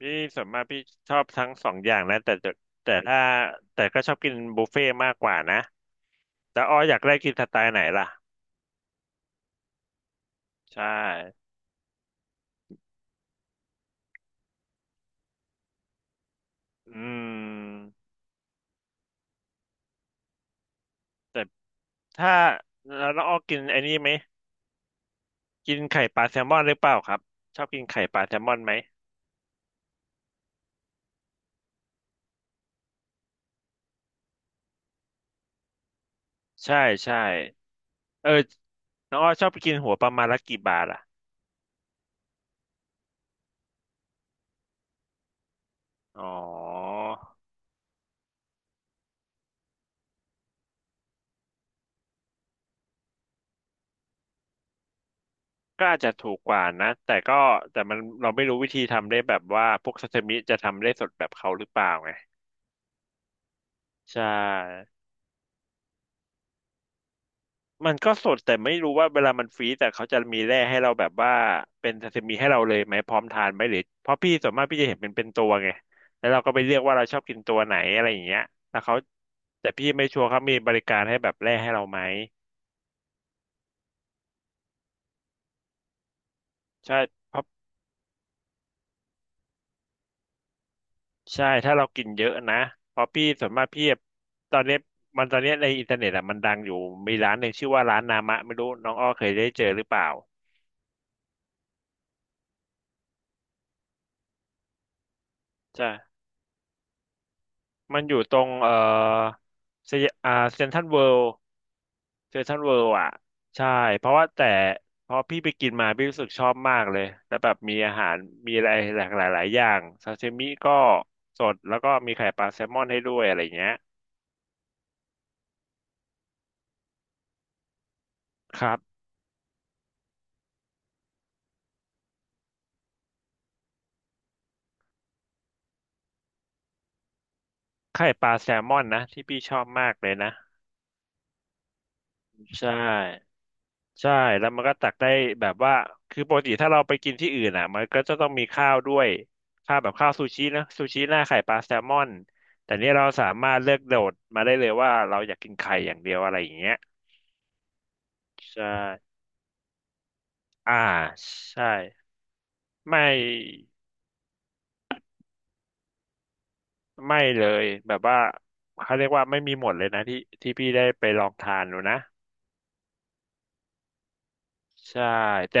พี่ส่วนมากพี่ชอบทั้งสองอย่างนะแต่จะแต่ถ้าแต่ก็ชอบกินบุฟเฟ่ต์มากกว่านะแต่อ้ออยากได้กินสไตล์ไหนล่ะใช่อืมแต่ถ้าแล้วน้องอ้อกินไอ้นี่ไหมกินไข่ปลาแซลมอนหรือเปล่าครับชอบกินไข่ปลาแซลมอนไหมใช่ใช่เออน้องอ้อชอบไปกินหัวประมาณละกี่บาทอ่ะอ๋อก็อาจจะถูกกว่านะแต่มันเราไม่รู้วิธีทำได้แบบว่าพวกซาซิมิจะทำได้สดแบบเขาหรือเปล่าไงใช่ มันก็สดแต่ไม่รู้ว่าเวลามันฟรีซแต่เขาจะมีแร่ให้เราแบบว่าเป็นซาซิมิให้เราเลยไหมพร้อมทานไหมหรือเพราะพี่ส่วนมากพี่จะเห็นเป็นตัวไงแล้วเราก็ไปเลือกว่าเราชอบกินตัวไหนอะไรอย่างเงี้ยแล้วเขาแต่พี่ไม่ชัวร์เขามีบริการให้แบบแร่ให้เราไหมใช่เพราะใช่ถ้าเรากินเยอะนะเพราะพี่ส่วนมากพี่ตอนเนี้ยตอนเนี้ยในอินเทอร์เน็ตอะมันดังอยู่มีร้านหนึ่งชื่อว่าร้านนามะไม่รู้น้องอ้อเคยได้เจอหรือเปล่าใช่มันอยู่ตรงเอ่อเซอ่าเซ็นทรัลเวิลด์ เซนทรัลเวิลด์อ่ะใช่เพราะว่าแต่พอพี่ไปกินมาพี่รู้สึกชอบมากเลยแล้วแบบมีอาหารมีอะไรหลากหลายหลายอย่างซาชิมิก็สดแล้วก็มีไข่ปลาแซลมอนให้ด้วยอะไรเงี้ยครับไข่ปลาแซลมอนนะที่พี่ชอบมากเลยนะใช่ใช่แล้วมันก็ตักได้แบบว่าคือปกติถ้าเราไปกินที่อื่นอ่ะมันก็จะต้องมีข้าวด้วยข้าวแบบข้าวซูชินะซูชิหน้าไข่ปลาแซลมอนแต่เนี่ยเราสามารถเลือกโดดมาได้เลยว่าเราอยากกินไข่อย่างเดียวอะไรอย่างเงี้ยใช่ อ่าใช่ไม่ไม่เลยแบบว่าเขาเรียกว่าไม่มีหมดเลยนะที่พี่ได้ไปลองทานดูนะใช่แต่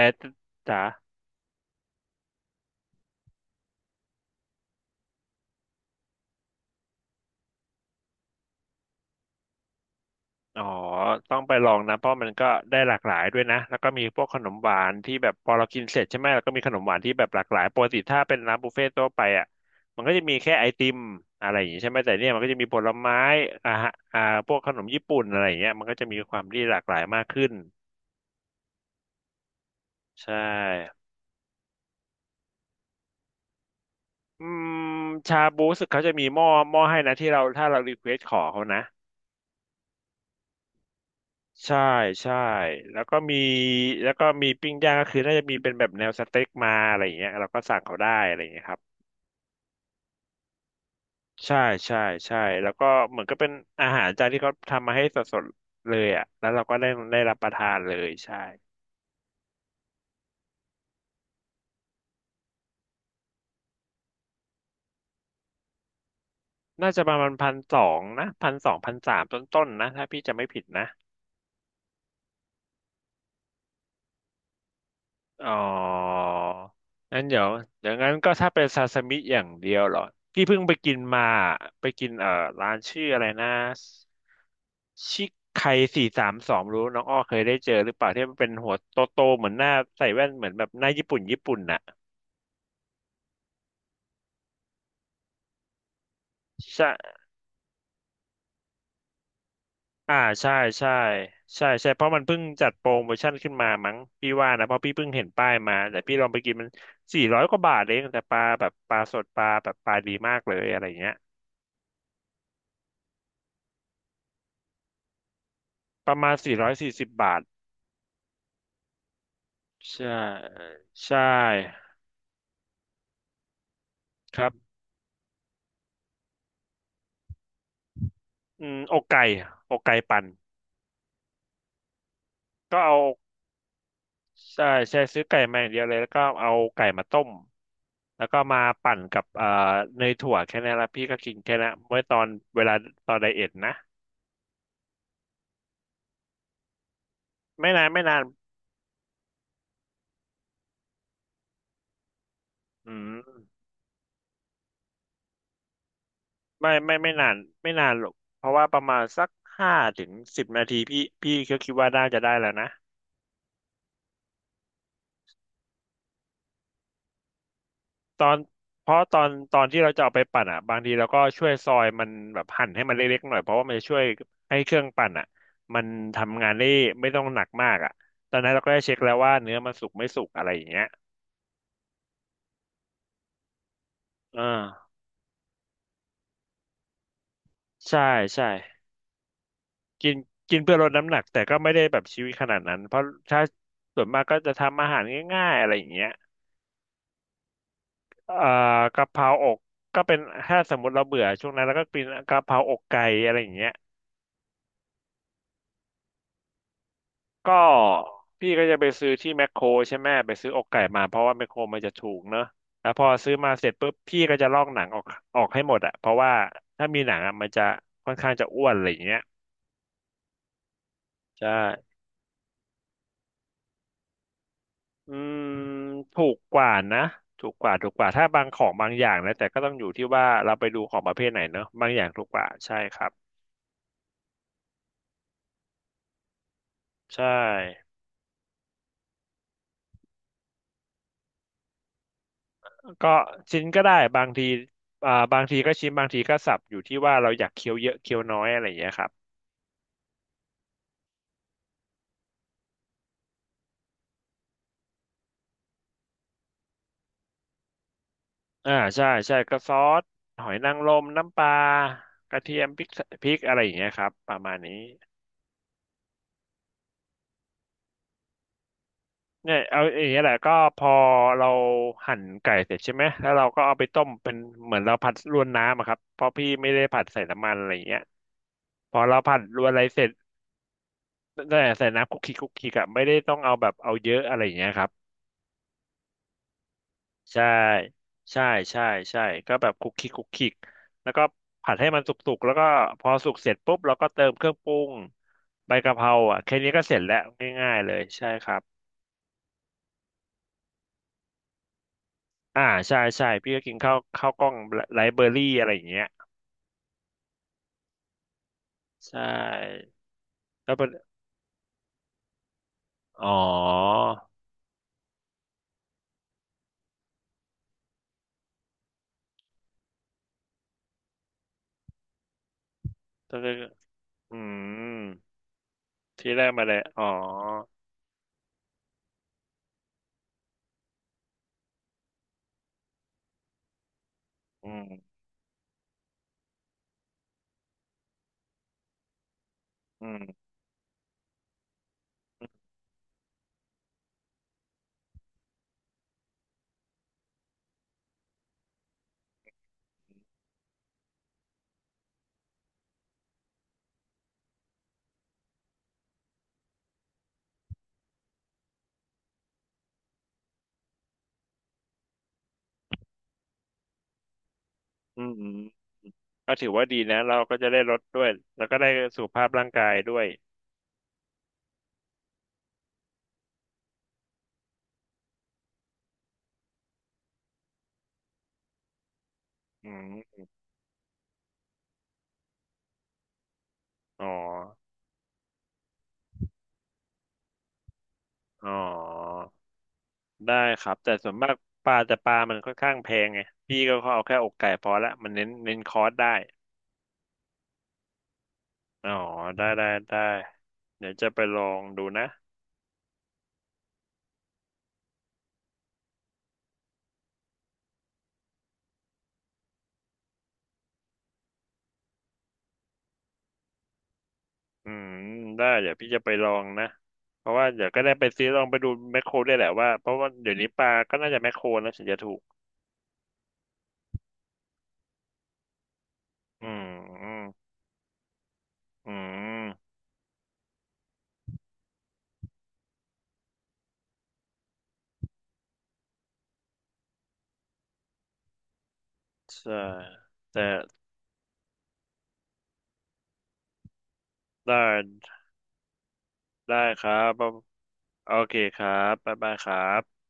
จ๋าอ๋อต้องไปลองนะเพราะมันก็ได้หลากหลายด้วยนะแล้วก็มีพวกขนมหวานที่แบบพอเรากินเสร็จใช่ไหมแล้วก็มีขนมหวานที่แบบหลากหลายปกติถ้าเป็นร้านบุฟเฟ่ต์ทั่วไปอ่ะมันก็จะมีแค่ไอติมอะไรอย่างงี้ใช่ไหมแต่เนี่ยมันก็จะมีผลไม้อ่าฮะอ่าพวกขนมญี่ปุ่นอะไรอย่างเงี้ยมันก็จะมีความที่หลากหลายมากขึ้นใช่ อืมชาบูรู้สึกเขาจะมีหม้อให้นะที่เราถ้าเรารีเควสขอเขานะใช่ใช่แล้วก็มีแล้วก็มีปิ้งย่างก็คือน่าจะมีเป็นแบบแนวสเต็กมาอะไรอย่างเงี้ยเราก็สั่งเขาได้อะไรอย่างเงี้ยครับใช่ใช่ใช่แล้วก็เหมือนก็เป็นอาหารจานที่เขาทำมาให้สดๆเลยอ่ะแล้วเราก็ได้รับประทานเลยใช่น่าจะประมาณพันสองนะพันสอง1,300ต้นๆนะถ้าพี่จะไม่ผิดนะ อ๋องั้นเดี๋ยวอย่างนั้นก็ถ้าเป็นซาซิมิอย่างเดียวเหรอพี่เพิ่งไปกินมา ไปกินร้านชื่ออะไรนะชิคไคสี่สามสองรู้น้องอ้อเคยได้เจอหรือเปล่าที่มันเป็นหัวโตโตเหมือนหน้าใส่แว่นเหมือนแบบหน้าญี่ปุ่นน่ะใช่ อ่าใช่ใช่ใช่ ใช่เพราะมันเพิ่งจัดโปรโมชั่นขึ้นมามั้ง พี่ว่านะเพราะพี่เพิ่งเห็นป้ายมาแต่พี่ลองไปกินมันสี่ร้อยกว่าบาทเองแต่ปลาแบบปลาสดปลาแบบปลาดีมากเลยอะไรเงี้ย ประมาณ440 บาทใช่ใช่ครับอืมอกไก่อกไก่ปั่นก็เอาใช่ใช่ซื้อไก่มาอย่างเดียวเลยแล้วก็เอาไก่มาต้มแล้วก็มาปั่นกับเนยถั่วแค่นั้นละพี่ก็กินแค่นั้นเมื่อตอนเวลาตอนไดเอทนะไม่นานไม่นานอืมไม่นานไม่นานหรอกเพราะว่าประมาณสัก5ถึง10 นาทีพี่ก็คิดว่าน่าจะได้แล้วนะ ตอนเพราะตอนที่เราจะเอาไปปั่นอ่ะบางทีเราก็ช่วยซอยมันแบบหั่นให้มันเล็กๆหน่อยเพราะว่ามันจะช่วยให้เครื่องปั่นอ่ะมันทำงานได้ไม่ต้องหนักมากอ่ะตอนนั้นเราก็ได้เช็คแล้วว่าเนื้อมันสุกไม่สุกอะไรอย่างเงี้ยอ่าใช่ใช่กินกินเพื่อลดน้ำหนักแต่ก็ไม่ได้แบบชีวิตขนาดนั้นเพราะถ้าส่วนมากก็จะทำอาหารง่ายๆอะไรอย่างเงี้ยเอ่อกะเพราอกก็เป็นถ้าสมมติเราเบื่อช่วงนั้นเราก็กินกะเพราอกไก่อะไรอย่างเงี้ย ก็พี่ก็จะไปซื้อที่แมคโครใช่ไหมไปซื้ออกไก่มาเพราะว่าแมคโครมันจะถูกเนอะแล้วพอซื้อมาเสร็จปุ๊บพี่ก็จะลอกหนังออกออกให้หมดอะเพราะว่าถ้ามีหนังอะมันจะค่อนข้างจะอ้วนอะไรอย่างเงี้ยใช่อืมถูกกว่านะถูกกว่าถูกกว่าถ้าบางของบางอย่างนะแต่ก็ต้องอยู่ที่ว่าเราไปดูของประเภทไหนเนอะบางอย่างถูกกว่าใช่ครับใช่ก็ชิ้นก็ได้บางทีบางทีก็ชิ้นบางทีก็สับอยู่ที่ว่าเราอยากเคี้ยวเยอะเคี้ยวน้อยอะไรอย่างเงี้ยครับ ใช่ใช่ก็ซอสหอยนางรมน้ำปลากระเทียมพริกพริกอะไรอย่างเงี้ยครับประมาณนี้เนี่ยเอาอย่างเงี้ยแหละก็พอเราหั่นไก่เสร็จใช่ไหมแล้วเราก็เอาไปต้มเป็นเหมือนเราผัดรวนน้ำอะครับเพราะพี่ไม่ได้ผัดใส่น้ำมันอะไรอย่างเงี้ยพอเราผัดรวนอะไรเสร็จแต่ใส่น้ำคุกคิกคุกคิกอะไม่ได้ต้องเอาแบบเอาเยอะอะไรอย่างเงี้ยครับ ใช่ใช่ใช่ใช่ก็แบบคลุกคลิกคลุกคลิกแล้วก็ผัดให้มันสุกๆแล้วก็พอสุกเสร็จปุ๊บเราก็เติมเครื่องปรุงใบกะเพราอ่ะแค่นี้ก็เสร็จแล้วง่ายๆเลยใช่ครับอ่าใช่ใช่พี่ก็กินข้าวข้าวกล้องไลฟ์เบอรี่อะไรอย่างเงี้ยใช่แล้วเป็นอ๋อต้องเรียกอืมที่แรกมาเลยอ๋ออืมอืมอืมอืมก็ถือว่าดีนะเราก็จะได้ลดด้วยแล้วก็ได้สุขภาพร่างกายด้วยอืมอ๋อ อ๋อได้ครับแต่ส่วนมากปลาแต่ปลามันค่อนข้างแพงไงพี่ก็เอาแค่อกไก่พอละมันเน้นคอร์สได้อ๋อได้ได้ได้เดี๋ยวจะไปลองดูนะอืมได้เดี๋ยวพี่จะไปลองนะเพราะว่าเดี๋ยวก็ได้ไปซื้อลองไปดูแมคโครได้วยแหละว่าเพราะว่าเดี๋ยวนี้ปลาก็น่าจะแมคโครนะถึงจะถูกอืมอืมอืมใช่แต่ได้ได้ครับโอเคครับบ๊ายบายครับ